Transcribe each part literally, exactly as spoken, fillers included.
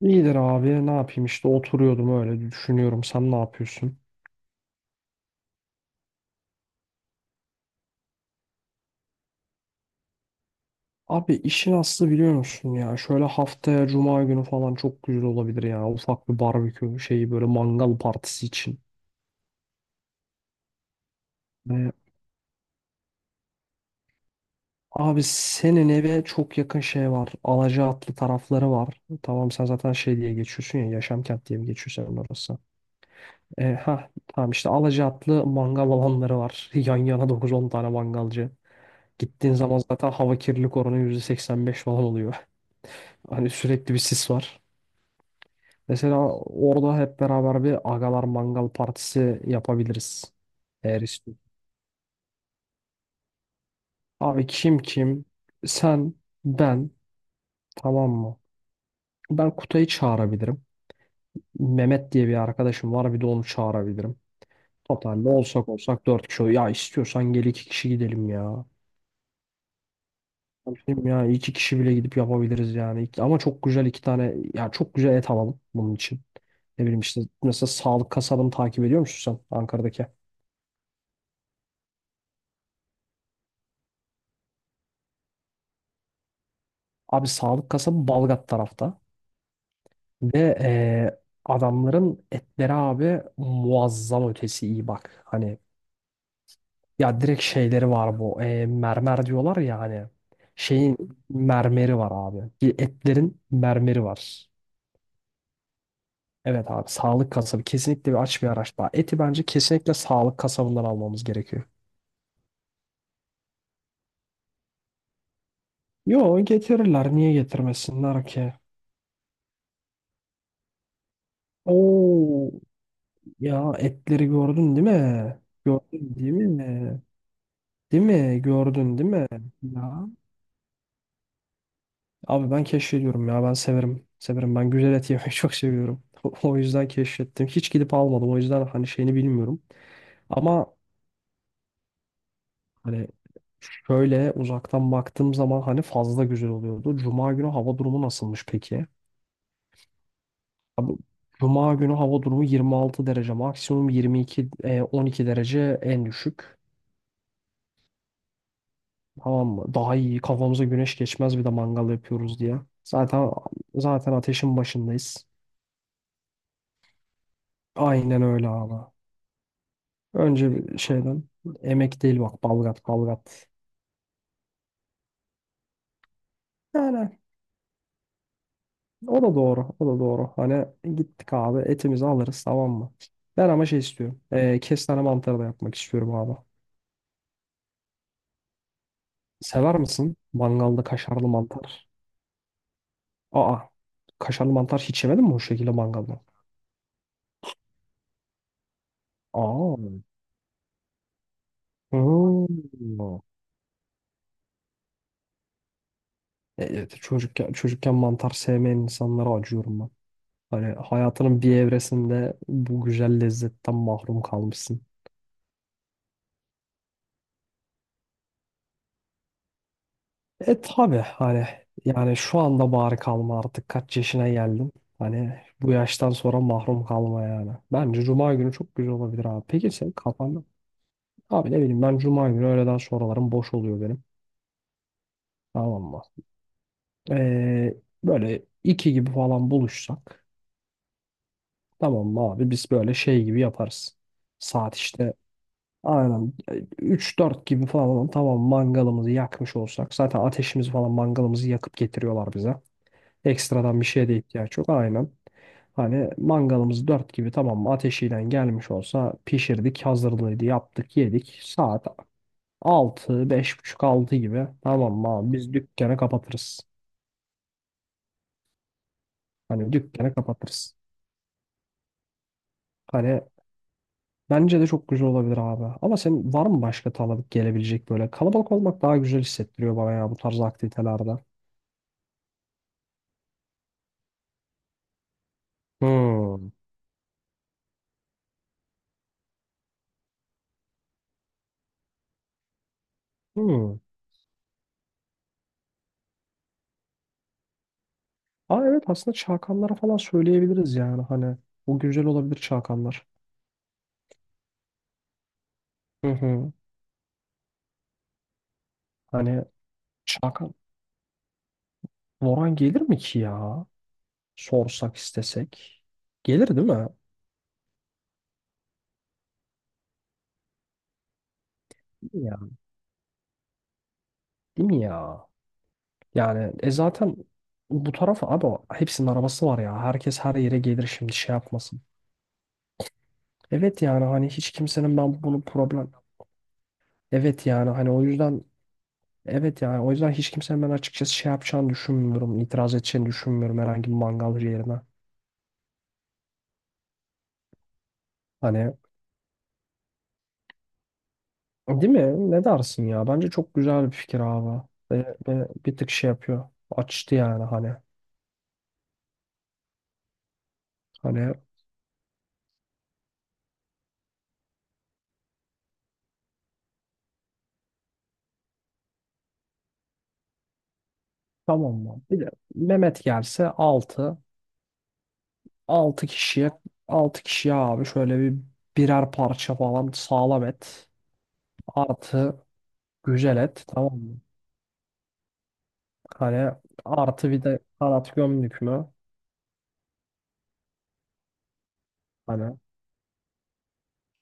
İyidir abi ne yapayım işte oturuyordum öyle düşünüyorum sen ne yapıyorsun? Abi işin aslı biliyor musun ya şöyle haftaya cuma günü falan çok güzel olabilir ya ufak bir barbekü şeyi böyle mangal partisi için. Ve abi senin eve çok yakın şey var Alacaatlı tarafları var. Tamam sen zaten şey diye geçiyorsun ya Yaşam Kent diye mi geçiyor senin orası? E, ha tamam işte Alacaatlı mangal alanları var yan yana dokuz on tane mangalcı. Gittiğin zaman zaten hava kirlilik oranı yüzde seksen beş falan oluyor. Hani sürekli bir sis var. Mesela orada hep beraber bir agalar mangal partisi yapabiliriz. Eğer istiyorsan. Abi kim kim? Sen, ben. Tamam mı? Ben Kutay'ı çağırabilirim. Mehmet diye bir arkadaşım var. Bir de onu çağırabilirim. Totalde olsak olsak dört kişi. Ya istiyorsan gel iki kişi gidelim ya. Ben dedim ya iki kişi bile gidip yapabiliriz yani. İki- Ama çok güzel iki tane ya çok güzel et alalım bunun için. Ne bileyim işte mesela Sağlık Kasabı'nı takip ediyor musun sen Ankara'daki? Abi sağlık kasabı Balgat tarafta. Ve eee, adamların etleri abi muazzam ötesi iyi bak. Hani ya direkt şeyleri var bu. Eee, mermer diyorlar ya hani. Şeyin mermeri var abi. Etlerin mermeri var. Evet abi sağlık kasabı kesinlikle bir aç bir araştırma. Eti bence kesinlikle sağlık kasabından almamız gerekiyor. Yo, getirirler. Niye getirmesinler ki? Oo, ya etleri gördün değil mi? Gördün değil mi? Değil mi? Gördün değil mi? Ya. Abi ben keşfediyorum ya. Ben severim. Severim. Ben güzel et yemeyi çok seviyorum. O o yüzden keşfettim. Hiç gidip almadım. O yüzden hani şeyini bilmiyorum. Ama hani şöyle uzaktan baktığım zaman hani fazla güzel oluyordu. Cuma günü hava durumu nasılmış peki? Abi Cuma günü hava durumu yirmi altı derece. Maksimum yirmi iki, e, on iki derece en düşük. Tamam mı? Daha iyi. Kafamıza güneş geçmez bir de mangal yapıyoruz diye. Zaten zaten ateşin başındayız. Aynen öyle abi. Önce bir şeyden Emek değil bak, Balgat Balgat. Yani o da doğru o da doğru. Hani gittik abi etimizi alırız tamam mı? Ben ama şey istiyorum. Ee, kestane mantarı da yapmak istiyorum abi. Sever misin mangalda kaşarlı mantar? Aa, kaşarlı mantar hiç yemedin mi o şekilde mangalda? Aa. Hmm. Evet, çocukken, çocukken mantar sevmeyen insanlara acıyorum ben. Hani hayatının bir evresinde bu güzel lezzetten mahrum kalmışsın. E tabii hani yani şu anda bari kalma artık kaç yaşına geldim. Hani bu yaştan sonra mahrum kalma yani. Bence cuma günü çok güzel olabilir abi. Peki senin kafanda abi ne bileyim ben cuma günü öğleden sonralarım boş oluyor benim. Tamam mı? Ee, böyle iki gibi falan buluşsak tamam mı abi biz böyle şey gibi yaparız. Saat işte aynen üç dört gibi falan tamam mangalımızı yakmış olsak zaten ateşimizi falan mangalımızı yakıp getiriyorlar bize. Ekstradan bir şeye de ihtiyaç yok. Aynen. Hani mangalımız dört gibi tamam mı? Ateşiyle gelmiş olsa pişirdik, hazırlığıydı, yaptık, yedik. Saat altı, beş buçuk altı gibi tamam mı abi? Biz dükkanı kapatırız. Hani dükkanı kapatırız. Hani bence de çok güzel olabilir abi. Ama senin var mı başka taladık gelebilecek böyle? Kalabalık olmak daha güzel hissettiriyor bana ya bu tarz aktivitelerde. Hmm. Hmm. Aa, evet aslında çakanlara falan söyleyebiliriz yani hani. Bu güzel olabilir çakanlar. Hı hı. Hani Çakan Loran gelir mi ki ya? Sorsak istesek. Gelir değil mi? Ya. Değil mi ya? Yani e zaten bu tarafa abi hepsinin arabası var ya. Herkes her yere gelir şimdi şey yapmasın. Evet yani hani hiç kimsenin ben bunu problem. Evet yani hani o yüzden evet yani o yüzden hiç kimsenin ben açıkçası şey yapacağını düşünmüyorum, itiraz edeceğini düşünmüyorum herhangi bir mangalcı yerine. Hani değil mi? Ne dersin ya? Bence çok güzel bir fikir abi. Ve, ve bir tık şey yapıyor. Açtı yani hani. Hani tamam mı? Bir de Mehmet gelse altı, altı kişiye altı kişiye abi şöyle bir birer parça falan sağlam et. Artı güzel et tamam mı? Hani artı bir de kanat gömdük mü? Hani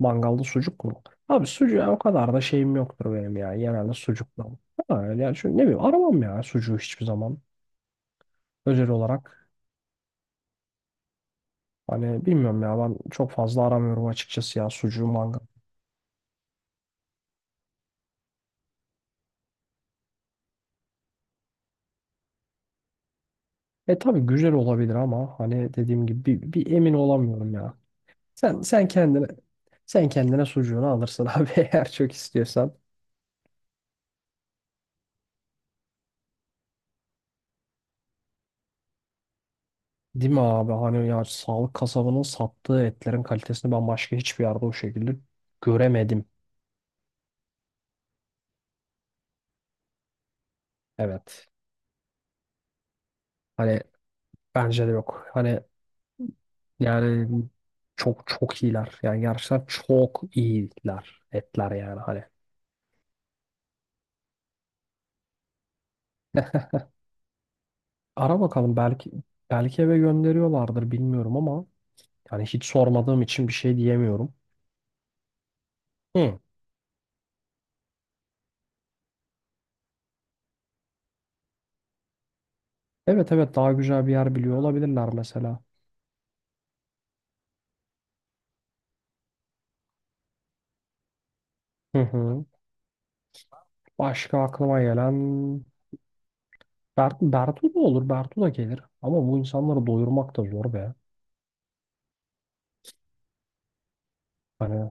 mangalda sucuk mu? Abi sucuğa o kadar da şeyim yoktur benim ya. Genelde sucukla. Ha, yani şu ne bileyim aramam ya sucuğu hiçbir zaman. Özel olarak. Hani bilmiyorum ya ben çok fazla aramıyorum açıkçası ya sucuğu mangal. E tabii güzel olabilir ama hani dediğim gibi bir, bir emin olamıyorum ya. Sen sen kendine sen kendine sucuğunu alırsın abi eğer çok istiyorsan. Değil mi abi? Hani ya sağlık kasabının sattığı etlerin kalitesini ben başka hiçbir yerde o şekilde göremedim. Evet. Hani bence de yok. Hani yani çok çok iyiler. Yani gerçekten çok iyiler etler yani hani. Ara bakalım belki belki eve gönderiyorlardır bilmiyorum ama yani hiç sormadığım için bir şey diyemiyorum. Hı. Evet, evet, daha güzel bir yer biliyor olabilirler mesela. Hı hı. Başka aklıma gelen Bert, Bertu da olur, Bertu da gelir. Ama bu insanları doyurmak da zor be. Hani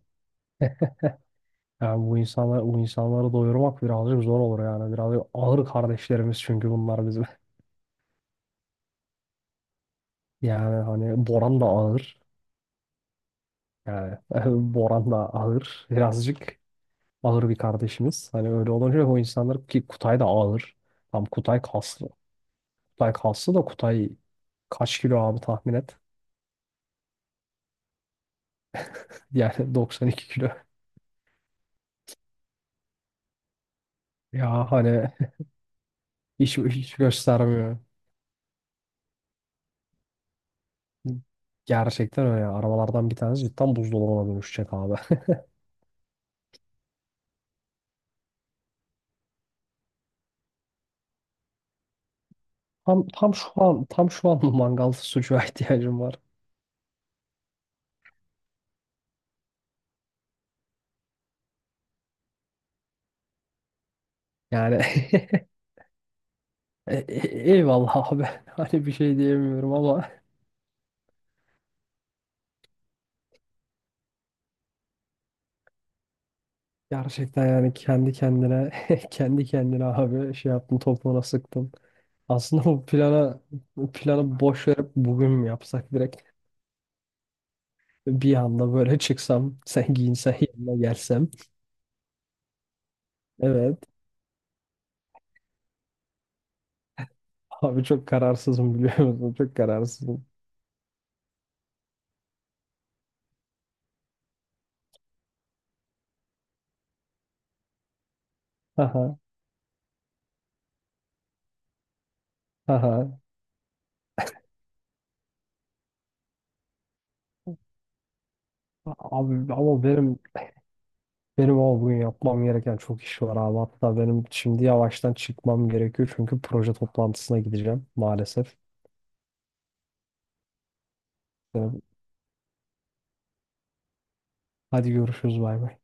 yani bu insanlar bu insanları doyurmak birazcık zor olur yani. Birazcık ağır kardeşlerimiz çünkü bunlar bizim. Yani hani Boran da ağır. Yani Boran da ağır birazcık, ağır bir kardeşimiz. Hani öyle olunca o insanlar ki Kutay da ağır. Tam Kutay kaslı. Kutay kaslı da Kutay kaç kilo abi tahmin et. Yani doksan iki kilo. Ya hani hiç, hiç göstermiyor. Gerçekten öyle. Arabalardan bir tanesi cidden buzdolabına dönüşecek abi. Tam, tam şu an tam şu an bu mangal sucuğa ihtiyacım var. Yani e- e- eyvallah abi. Hani bir şey diyemiyorum ama gerçekten yani kendi kendine kendi kendine abi şey yaptım topuğuna sıktım. Aslında bu plana planı boş verip bugün mü yapsak direkt bir anda böyle çıksam sen giyinsen yanına gelsem. Evet. Abi çok kararsızım biliyor musun? Çok kararsızım. Haha. Haha. Abi ama benim benim ama bugün yapmam gereken çok iş var abi. Hatta benim şimdi yavaştan çıkmam gerekiyor çünkü proje toplantısına gideceğim maalesef. Ee, Hadi görüşürüz bay bay.